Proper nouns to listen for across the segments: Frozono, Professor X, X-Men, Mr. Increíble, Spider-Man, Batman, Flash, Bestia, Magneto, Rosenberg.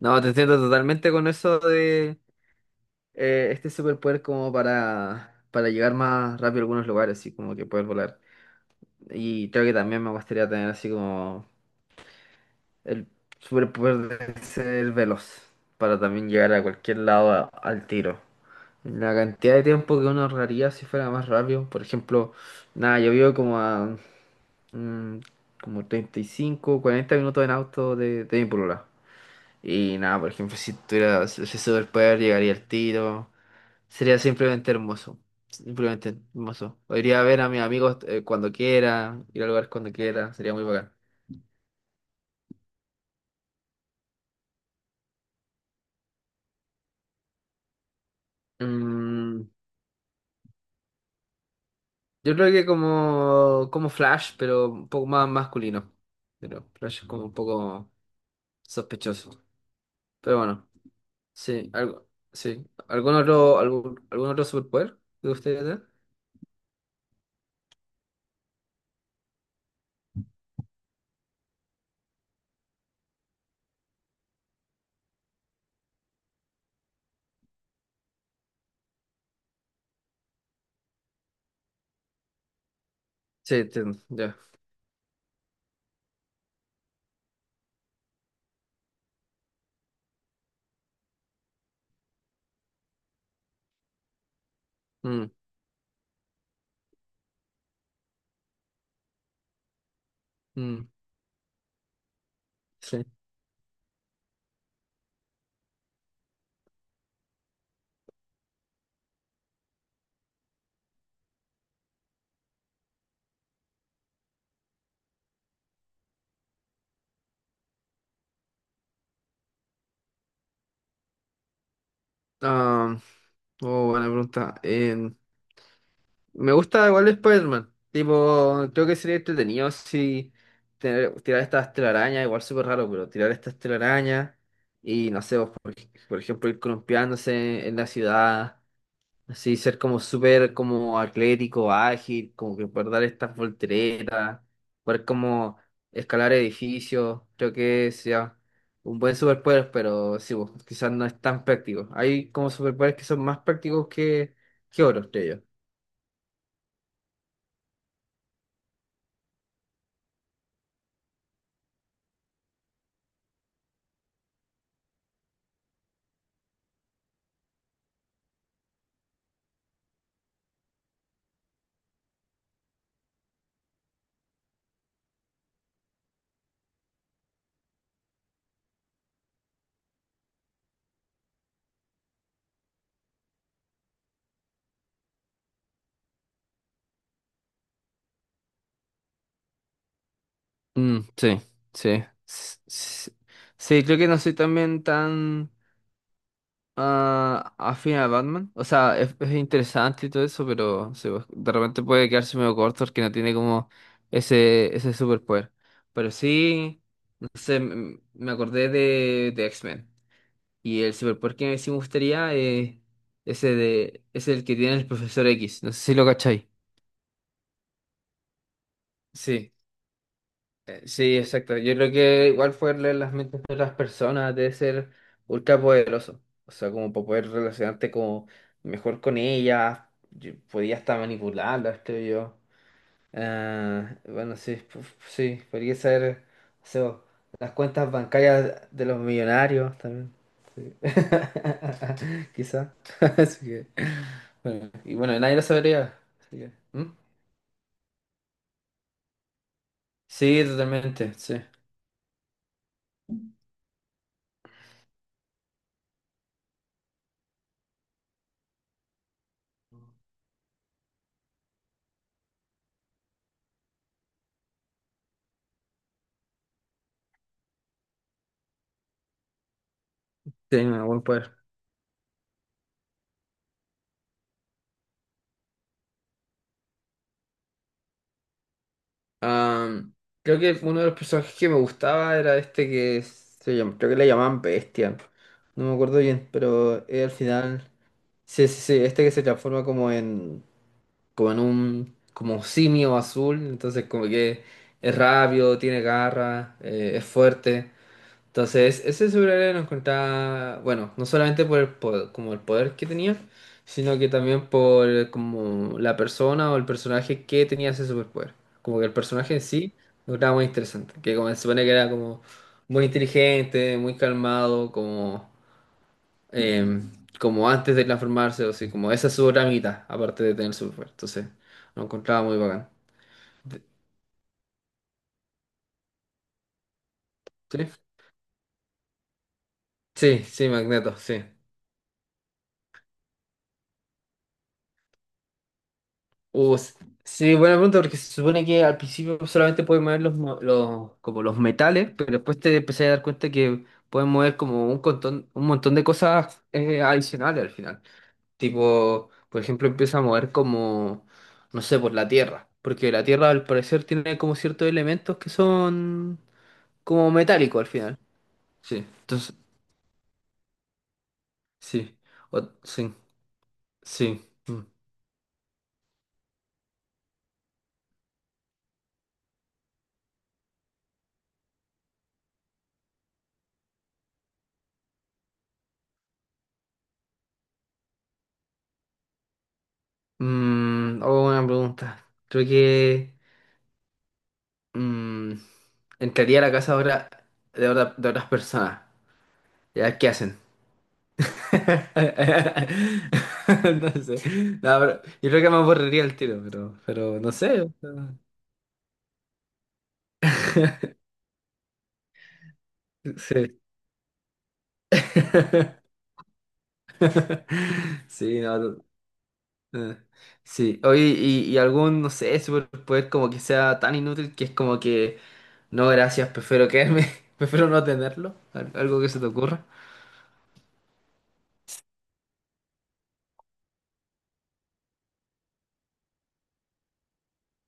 No, te entiendo totalmente con eso de este superpoder como para llegar más rápido a algunos lugares, así como que poder volar. Y creo que también me gustaría tener así como el superpoder de ser veloz, para también llegar a cualquier lado al tiro. La cantidad de tiempo que uno ahorraría si fuera más rápido, por ejemplo, nada, yo vivo como a mm, como 35 40 minutos en auto de mi polola. Y nada, por ejemplo, si tuviera ese superpoder llegaría al tiro. Sería simplemente hermoso. Simplemente hermoso. O iría a ver a mis amigos cuando quiera, ir a lugares cuando quiera, sería muy bacán. Mm, yo creo que como Flash, pero un poco más masculino. Pero Flash es como un poco sospechoso. Pero bueno, sí, algo, sí. ¿Algún otro, algún otro superpoder de ustedes tener? Sí, entiendo, ya. Mm, mm, sí. Ah, oh, buena pregunta. Me gusta igual Spider-Man. Tipo, creo que sería entretenido si tirar estas telarañas, igual súper raro, pero tirar estas telarañas y no sé, vos, por ejemplo, ir columpiándose en la ciudad, así ser como súper como atlético, ágil, como que poder dar estas volteretas, poder como escalar edificios, creo que sea un buen superpoder, pero sí, pues, quizás no es tan práctico. Hay como superpoderes que son más prácticos que otros, creo yo. Mm, sí, sí, sí. Creo que no soy también tan afín a Batman. O sea, es interesante y todo eso, pero sí, pues, de repente puede quedarse medio corto porque no tiene como ese superpoder. Pero sí, no sé, me acordé de X-Men. Y el superpoder que sí me gustaría es es el que tiene el profesor X. No sé si lo cacháis. Sí. Sí, exacto. Yo creo que igual fue leer las mentes de las personas debe ser ultra poderoso. O sea, como para poder relacionarte como mejor con ellas. Yo podía hasta manipularlas, creo yo. Ah, bueno, sí, sí, podría ser, o sea, las cuentas bancarias de los millonarios también. Sí. Quizá. Así que, bueno, y bueno, nadie lo sabría. Así que, ¿mm? Sí, totalmente, sí. Sí, un buen poder. Am, Creo que uno de los personajes que me gustaba era este creo que le llamaban Bestia. No me acuerdo bien, pero al final. Sí, sí, sí, este que se transforma como simio azul, entonces como que es rápido, tiene garra, es fuerte. Entonces, ese superhéroe lo encontraba, bueno, no solamente por el poder, como el poder que tenía, sino que también por como la persona o el personaje que tenía ese superpoder. Como que el personaje en sí lo encontraba muy interesante, que como se supone que era como muy inteligente, muy calmado, como, eh, como antes de transformarse, o así, como esa es su otra mitad, aparte de tener superpoder. Entonces, lo encontraba muy bacán. ¿Sí? Sí, sí, Magneto, sí. Uh, s- sí, buena pregunta, porque se supone que al principio solamente puedes mover los, como los metales, pero después te empecé a dar cuenta que puedes mover como un montón de cosas adicionales al final. Tipo, por ejemplo, empieza a mover como, no sé, por la tierra, porque la tierra al parecer tiene como ciertos elementos que son como metálicos al final. Sí, entonces, sí, sí, sí. Mm. Oh, buena pregunta. Creo que mm, entraría a la casa de otras personas. Ya, ¿qué hacen? No sé. No, pero yo creo que me aburriría el tiro, pero no sé. O sea, sí. Sí, no. No, sí. Oye, y algún, no sé, superpoder como que sea tan inútil que es como que, no, gracias, prefiero quedarme, prefiero no tenerlo. Algo que se te ocurra.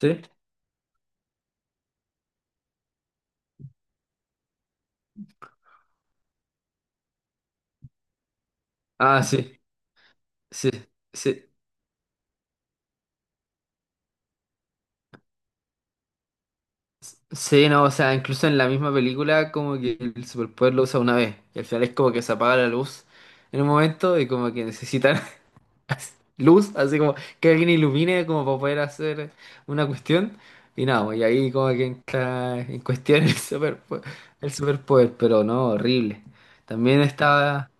¿Sí? Ah, sí. Sí. Sí. Sí, no, o sea, incluso en la misma película como que el superpoder lo usa una vez y al final es como que se apaga la luz en un momento y como que necesitan luz, así como que alguien ilumine como para poder hacer una cuestión y nada, pues, y ahí como que entra en cuestión el superpoder, pero no, horrible. También estaba,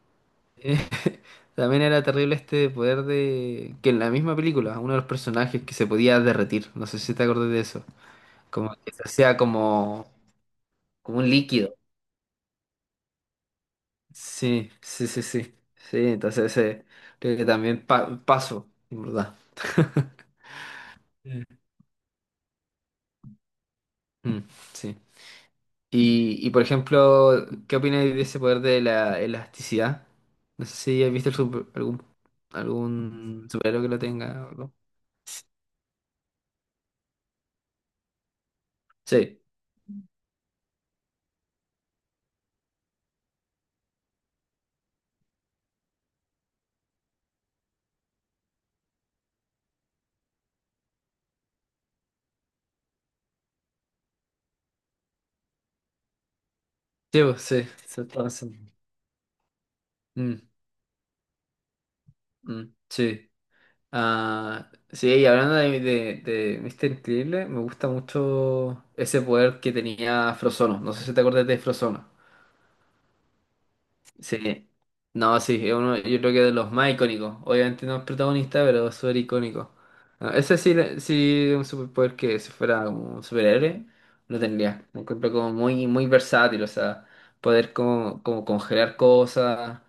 también era terrible este poder de que en la misma película uno de los personajes que se podía derretir, no sé si te acuerdas de eso, como que se hacía como un líquido. Sí, sí, sí, sí. Sí, entonces creo que también paso, en verdad. Mm. Mm, sí. Por ejemplo, ¿qué opinas de ese poder de la elasticidad? No sé si has visto algún, superhéroe que lo tenga, o algo. Sí, sí, pues, sí, se está pensando. Mm, mm, sí. Ah, sí, y hablando de Mr. Increíble, me gusta mucho ese poder que tenía Frozono. No sé si te acuerdas de Frozono. Sí. No, sí, es uno, yo creo que de los más icónicos. Obviamente no es protagonista, pero es súper icónico. No, ese sí, sí, un superpoder que si fuera como un superhéroe, lo tendría. Lo encuentro como muy, muy versátil, o sea, poder como congelar cosas,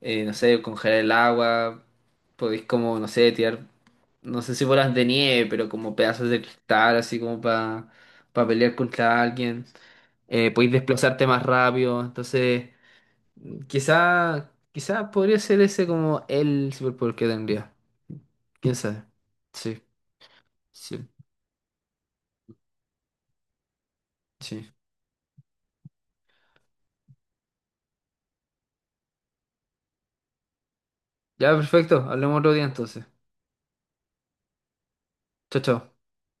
no sé, congelar el agua, podéis como, no sé, tirar, no sé si bolas de nieve, pero como pedazos de cristal, así como para pelear contra alguien. Podéis desplazarte más rápido, entonces. Quizá podría ser ese como el superpoder que tendría. ¿Quién sabe? Sí, sí, sí. Ya, perfecto. Hablemos otro día entonces. Chao, chao.